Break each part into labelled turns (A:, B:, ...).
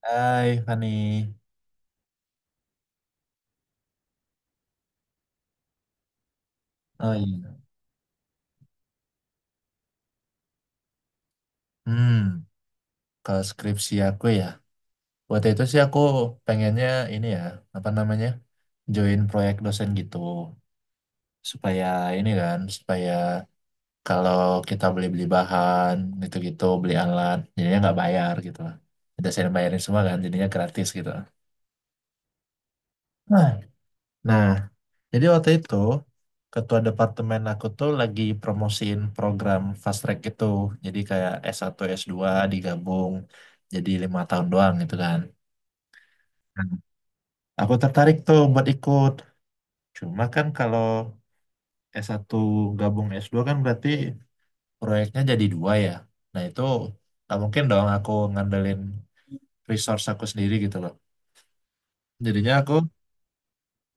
A: Hai Fani, oh iya, hmm, kalau skripsi aku ya, waktu itu sih aku pengennya ini ya, apa namanya, join proyek dosen gitu, supaya ini kan, supaya kalau kita beli-beli bahan, gitu-gitu, beli alat, jadinya nggak bayar gitu lah. Dosen yang bayarin semua kan, jadinya gratis gitu. Nah, nah, jadi waktu itu ketua departemen aku tuh lagi promosiin program fast track gitu. Jadi kayak s satu s dua digabung jadi lima tahun doang gitu kan. Hmm. Aku tertarik tuh buat ikut. Cuma kan kalau s satu gabung s dua kan berarti proyeknya jadi dua ya. Nah itu nggak mungkin dong aku ngandelin resource aku sendiri gitu loh. Jadinya aku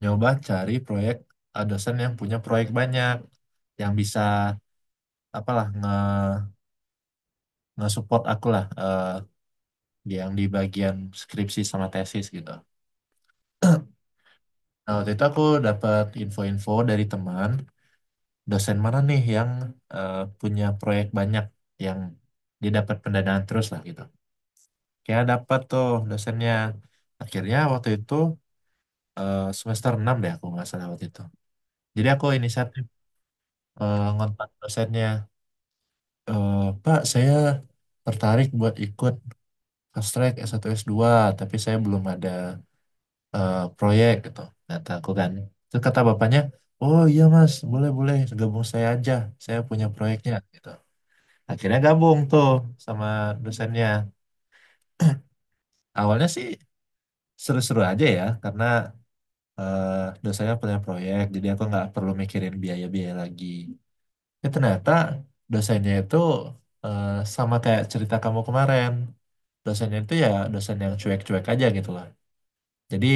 A: nyoba cari proyek, dosen yang punya proyek banyak yang bisa apalah nge-support aku lah, yang di bagian skripsi sama tesis gitu. Nah, waktu itu aku dapat info-info dari teman, dosen mana nih yang eh, punya proyek banyak, yang dia dapat pendanaan terus lah gitu. Kayak dapat tuh dosennya. Akhirnya waktu itu, semester 6 deh aku nggak salah waktu itu. Jadi aku inisiatif ngontak dosennya, "Eh, Pak, saya tertarik buat ikut fast track S1 S2, tapi saya belum ada, proyek," gitu, kata aku kan. Terus kata bapaknya, "Oh iya mas, boleh boleh, gabung saya aja, saya punya proyeknya," gitu. Akhirnya gabung tuh sama dosennya. Awalnya sih seru-seru aja ya karena eh, dosennya punya proyek, jadi aku nggak perlu mikirin biaya-biaya lagi. Ya ternyata dosennya itu, eh, sama kayak cerita kamu kemarin, dosennya itu ya dosen yang cuek-cuek aja gitu lah. Jadi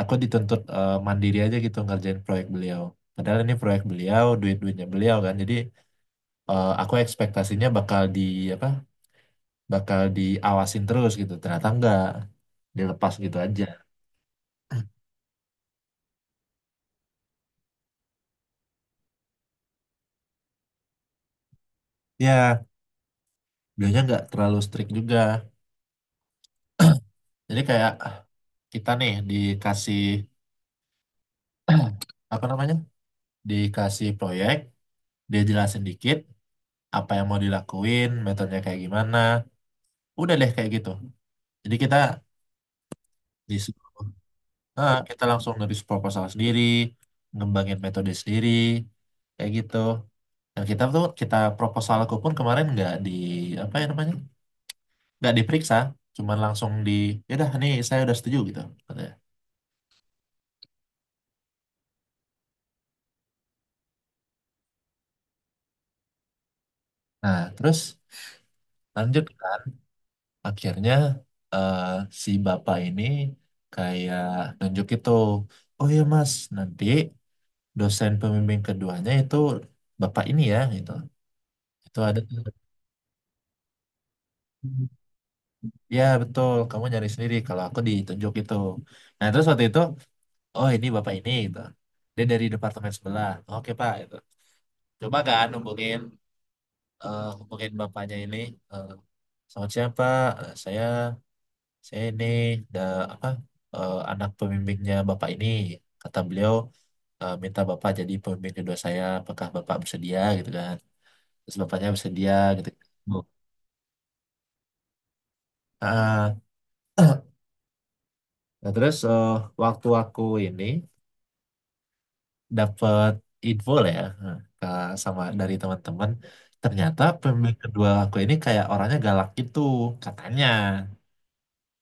A: aku dituntut mandiri aja gitu ngerjain proyek beliau. Padahal ini proyek beliau, duit-duitnya beliau kan. Jadi aku ekspektasinya bakal di apa? Bakal diawasin terus gitu. Ternyata enggak, dilepas gitu aja. Ya, beliaunya enggak terlalu strict juga. Jadi kayak kita nih dikasih apa namanya? Dikasih proyek, dia jelasin dikit apa yang mau dilakuin, metodenya kayak gimana. Udah deh kayak gitu. Jadi kita disuruh, ah kita langsung nulis proposal sendiri, ngembangin metode sendiri, kayak gitu. Dan kita tuh kita proposalku pun kemarin nggak di apa ya namanya, nggak diperiksa, cuman langsung di, ya yaudah nih saya udah setuju gitu katanya. Nah, terus lanjut kan, akhirnya eh, si bapak ini kayak nunjuk itu, oh iya mas, nanti dosen pembimbing keduanya itu bapak ini ya gitu. Itu ada tuh. Ya betul, kamu nyari sendiri, kalau aku ditunjuk itu. Nah terus waktu itu, oh ini bapak ini gitu. Dia dari departemen sebelah. Oke pak, gitu. Coba kan hubungin, hubungin bapaknya ini. eh, Selamat siang pak, eh, saya ini da, apa anak pembimbingnya bapak ini. Kata beliau minta bapak jadi pembimbing kedua saya. Apakah bapak bersedia gitu kan? Terus bapaknya bersedia gitu. Bu. Ah, Nah, terus waktu aku ini dapat info lah ya, eh, ke sama dari teman-teman, ternyata pemilik kedua aku ini kayak orangnya galak gitu katanya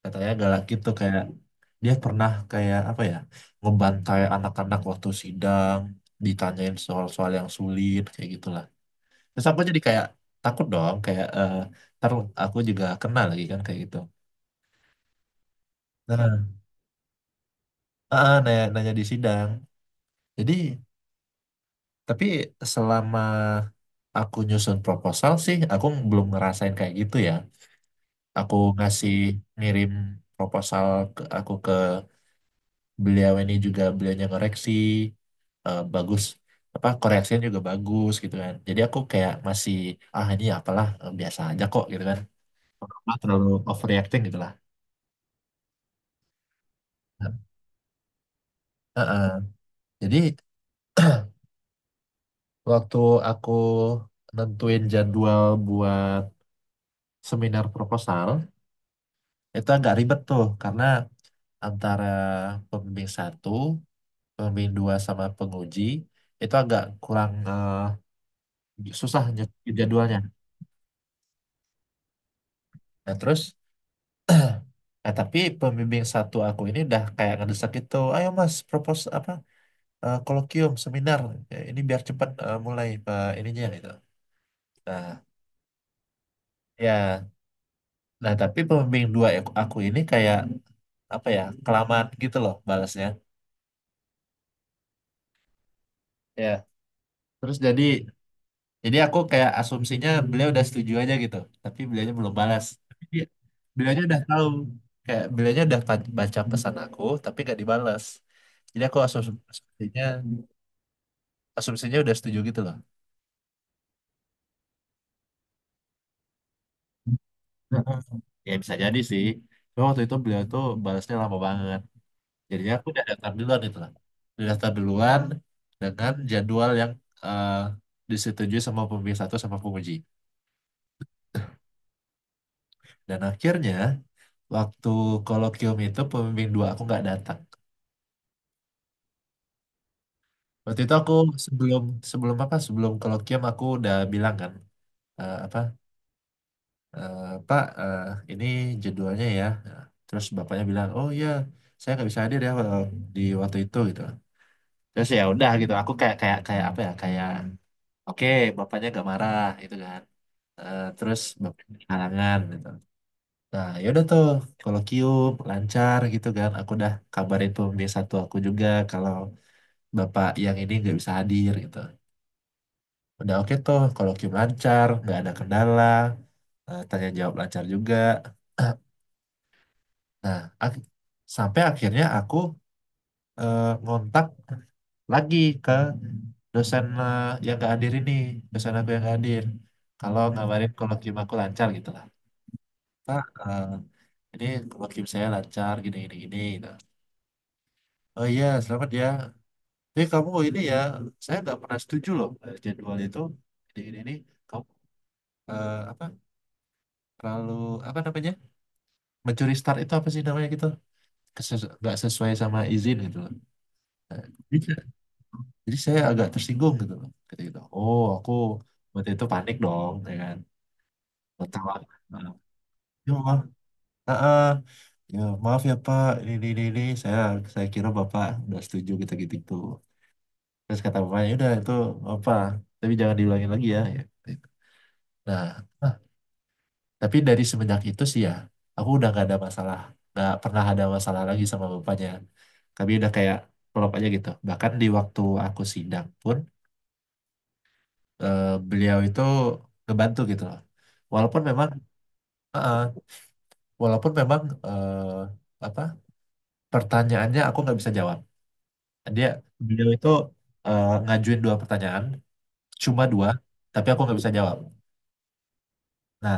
A: katanya galak gitu, kayak dia pernah kayak apa ya, ngebantai anak-anak waktu sidang, ditanyain soal-soal yang sulit kayak gitulah. Terus aku jadi kayak takut dong, kayak ntar aku juga kena lagi kan kayak gitu. Nah, nanya di sidang. Jadi tapi selama aku nyusun proposal sih, aku belum ngerasain kayak gitu ya. Aku ngasih ngirim proposal ke aku ke beliau ini juga, beliaunya ngoreksi, bagus, apa koreksinya juga bagus gitu kan. Jadi aku kayak masih, ah ini apalah, biasa aja kok gitu kan. Nggak terlalu overreacting gitu lah. Eh, eh. Jadi waktu aku nentuin jadwal buat seminar proposal itu agak ribet tuh, karena antara pembimbing satu, pembimbing dua sama penguji itu agak kurang, susah nyetir jadwalnya. Nah terus, nah tapi pembimbing satu aku ini udah kayak ngedesak gitu, ayo mas propose apa, kolokium seminar. Ya, ini biar cepat mulai ininya gitu. Nah ya, nah tapi pembimbing dua aku ini kayak apa ya, kelamaan gitu loh balasnya. Ya, terus jadi aku kayak asumsinya beliau udah setuju aja gitu, tapi beliaunya belum balas. Tapi dia, beliau udah tahu, kayak beliau udah pa- baca pesan aku tapi gak dibalas. Jadi aku asum- asumsinya asumsinya udah setuju gitu loh. Heeh. Ya bisa jadi sih. Cuma waktu itu beliau tuh balasnya lama banget. Jadinya aku udah daftar duluan itu lah. Udah daftar duluan dengan jadwal yang eh, disetujui sama pembimbing satu sama penguji. Dan akhirnya waktu kolokium itu, pembimbing dua aku nggak datang. Waktu itu aku sebelum, sebelum apa sebelum kolokium aku udah bilang kan, apa eh, Pak, ini jadwalnya ya. Nah, terus bapaknya bilang, oh iya, saya nggak bisa hadir ya, di waktu itu gitu. Terus ya udah gitu aku kayak, kayak apa ya, kayak oke bapaknya nggak marah gitu kan. Eh, terus bapaknya halangan gitu. Nah ya udah tuh, kolokium lancar gitu kan, aku udah kabarin pembimbing satu aku juga kalau bapak yang ini nggak bisa hadir gitu. Udah oke tuh, kolokium lancar, nggak ada kendala. Eh, tanya jawab lancar juga. Nah, ak- sampai akhirnya aku ngontak lagi ke dosen, yang gak hadir ini, dosen aku yang gak hadir, kalau ngabarin kolokium aku lancar gitu lah. Pak, ini kolokium saya lancar, gini, gini, gini, gitu. Oh iya, selamat ya. Tapi kamu ini ya, saya nggak pernah setuju loh jadwal itu. Ini, ini. Kamu, apa, terlalu, apa namanya, mencuri start itu apa sih namanya gitu? Keses- nggak sesuai sama izin gitu loh. Eh, Jadi saya agak tersinggung gitu loh. Kayak gitu. Oh, aku waktu itu panik dong, ya kan. Ketawa. Nah, ya, Pak. Ah, ah. Ya, maaf ya Pak. Ini, ini. Saya kira bapak udah setuju kita gitu gitu. Terus kata bapaknya udah itu apa. Tapi jangan diulangin lagi ya, ya gitu. Nah, ah, tapi dari semenjak itu sih ya, aku udah gak ada masalah. Gak pernah ada masalah lagi sama bapaknya. Kami udah kayak klop aja gitu. Bahkan di waktu aku sidang pun, eh, beliau itu ngebantu gitu loh. Walaupun memang, eh, walaupun memang eh, apa, pertanyaannya aku nggak bisa jawab. Dia, beliau itu ngajuin dua pertanyaan, cuma dua, tapi aku nggak bisa jawab. Nah,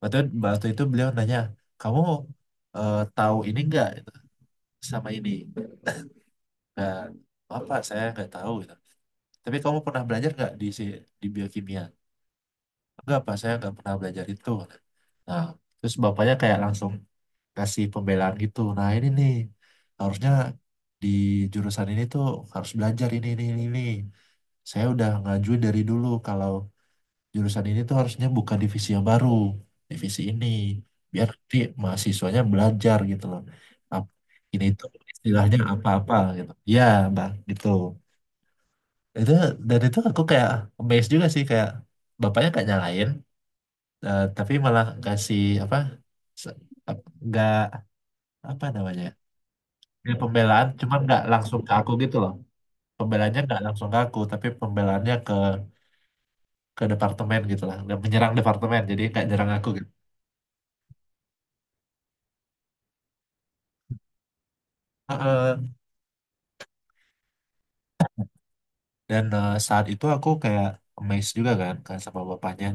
A: waktu waktu itu beliau nanya, kamu tahu ini nggak gitu, sama ini? Nah, apa saya nggak tahu gitu. Tapi kamu pernah belajar nggak di biokimia? Enggak, Pak, saya nggak pernah belajar itu. Nah, terus bapaknya kayak langsung kasih pembelaan gitu. Nah ini nih, harusnya di jurusan ini tuh harus belajar ini ini. Ini. Saya udah ngajuin dari dulu kalau jurusan ini tuh harusnya buka divisi yang baru, divisi ini biar nanti mahasiswanya belajar gitu loh. Ap- ini tuh istilahnya apa-apa gitu. Ya, Mbak, gitu. Itu dan itu aku kayak amazed juga sih, kayak bapaknya gak nyalain, tapi malah kasih apa, se- nggak apa namanya. Ini pembelaan cuman nggak langsung ke aku gitu loh. Pembelanya nggak langsung ke aku, tapi pembelaannya ke departemen gitu lah. Dan menyerang departemen, jadi nggak nyerang aku gitu. Heeh. Dan saat itu aku kayak amazed juga kan, sama bapaknya.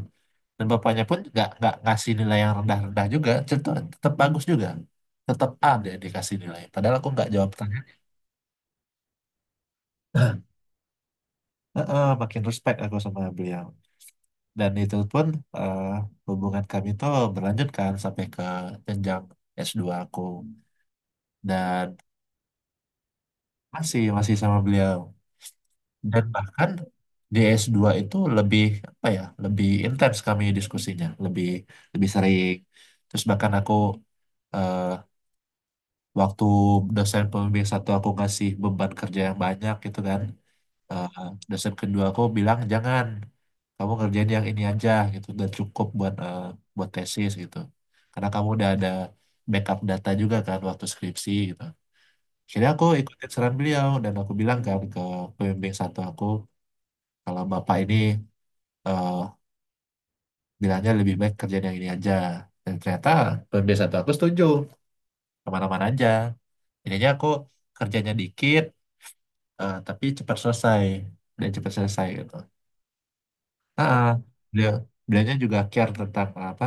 A: Dan bapaknya pun nggak ngasih nilai yang rendah-rendah juga, tetap, tetap bagus juga. Tetap A dia dikasih nilai. Padahal aku nggak jawab pertanyaan. Heeh, makin respect aku sama beliau. Dan itu pun, eh, hubungan kami itu berlanjut kan sampai ke jenjang s dua aku. Dan masih masih sama beliau, dan bahkan di S2 itu lebih, apa ya, lebih intens kami diskusinya, lebih lebih sering. Terus bahkan aku, eh, waktu dosen pembimbing satu aku ngasih beban kerja yang banyak gitu kan, eh, dosen kedua aku bilang jangan, kamu kerjain yang ini aja gitu dan cukup buat, buat tesis gitu, karena kamu udah ada backup data juga kan waktu skripsi gitu. Jadi aku ikutin saran beliau dan aku bilang kan ke pembimbing satu aku kalau bapak ini eh, bilangnya lebih baik kerjaan yang ini aja. Dan ternyata pembimbing satu aku setuju kemana-mana aja. Jadinya aku kerjanya dikit, tapi cepat selesai, dan cepat selesai gitu. Nah, beliau beliaunya juga care tentang apa,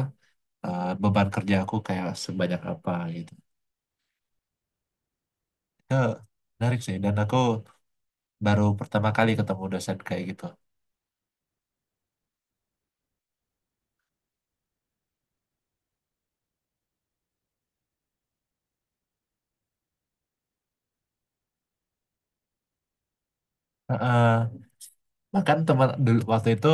A: beban kerja aku kayak sebanyak apa gitu. Eh, Menarik sih, dan aku baru pertama kali ketemu dosen kayak gitu. Heeh. Bahkan teman dulu waktu itu,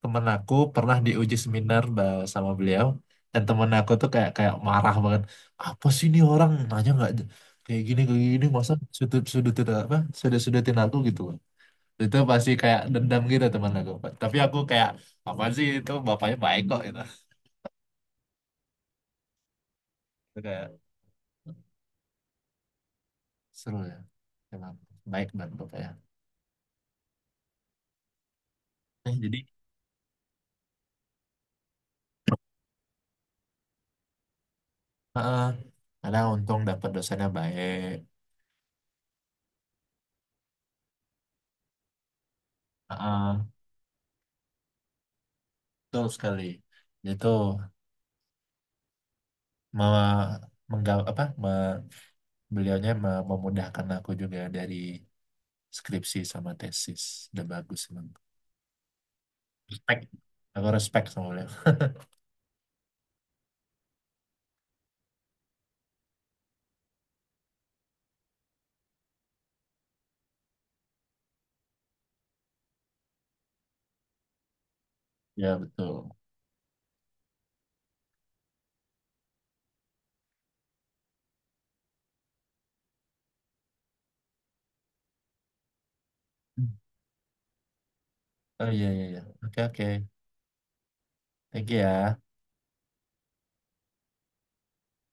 A: temen aku pernah diuji seminar ba- sama beliau, dan temen aku tuh kayak, marah banget, apa sih ini orang nanya nggak j- kayak gini kayak gini, masa sudut sudutin apa sudut sudutin aku gitu. Itu pasti kayak dendam gitu temen aku. Tapi aku kayak apa sih, itu bapaknya baik kok gitu. Itu kayak seru ya, emang baik banget bapaknya. Jadi heeh, karena untung dapat dosennya baik. Heeh, betul sekali. Itu mau apa, beliaunya memudahkan aku juga dari skripsi sama tesis. Udah bagus emang. Respect. Aku respect sama beliau. Ya, betul. Hmm. Oh iya, iya, iya. Oke, oke. Thank you ya.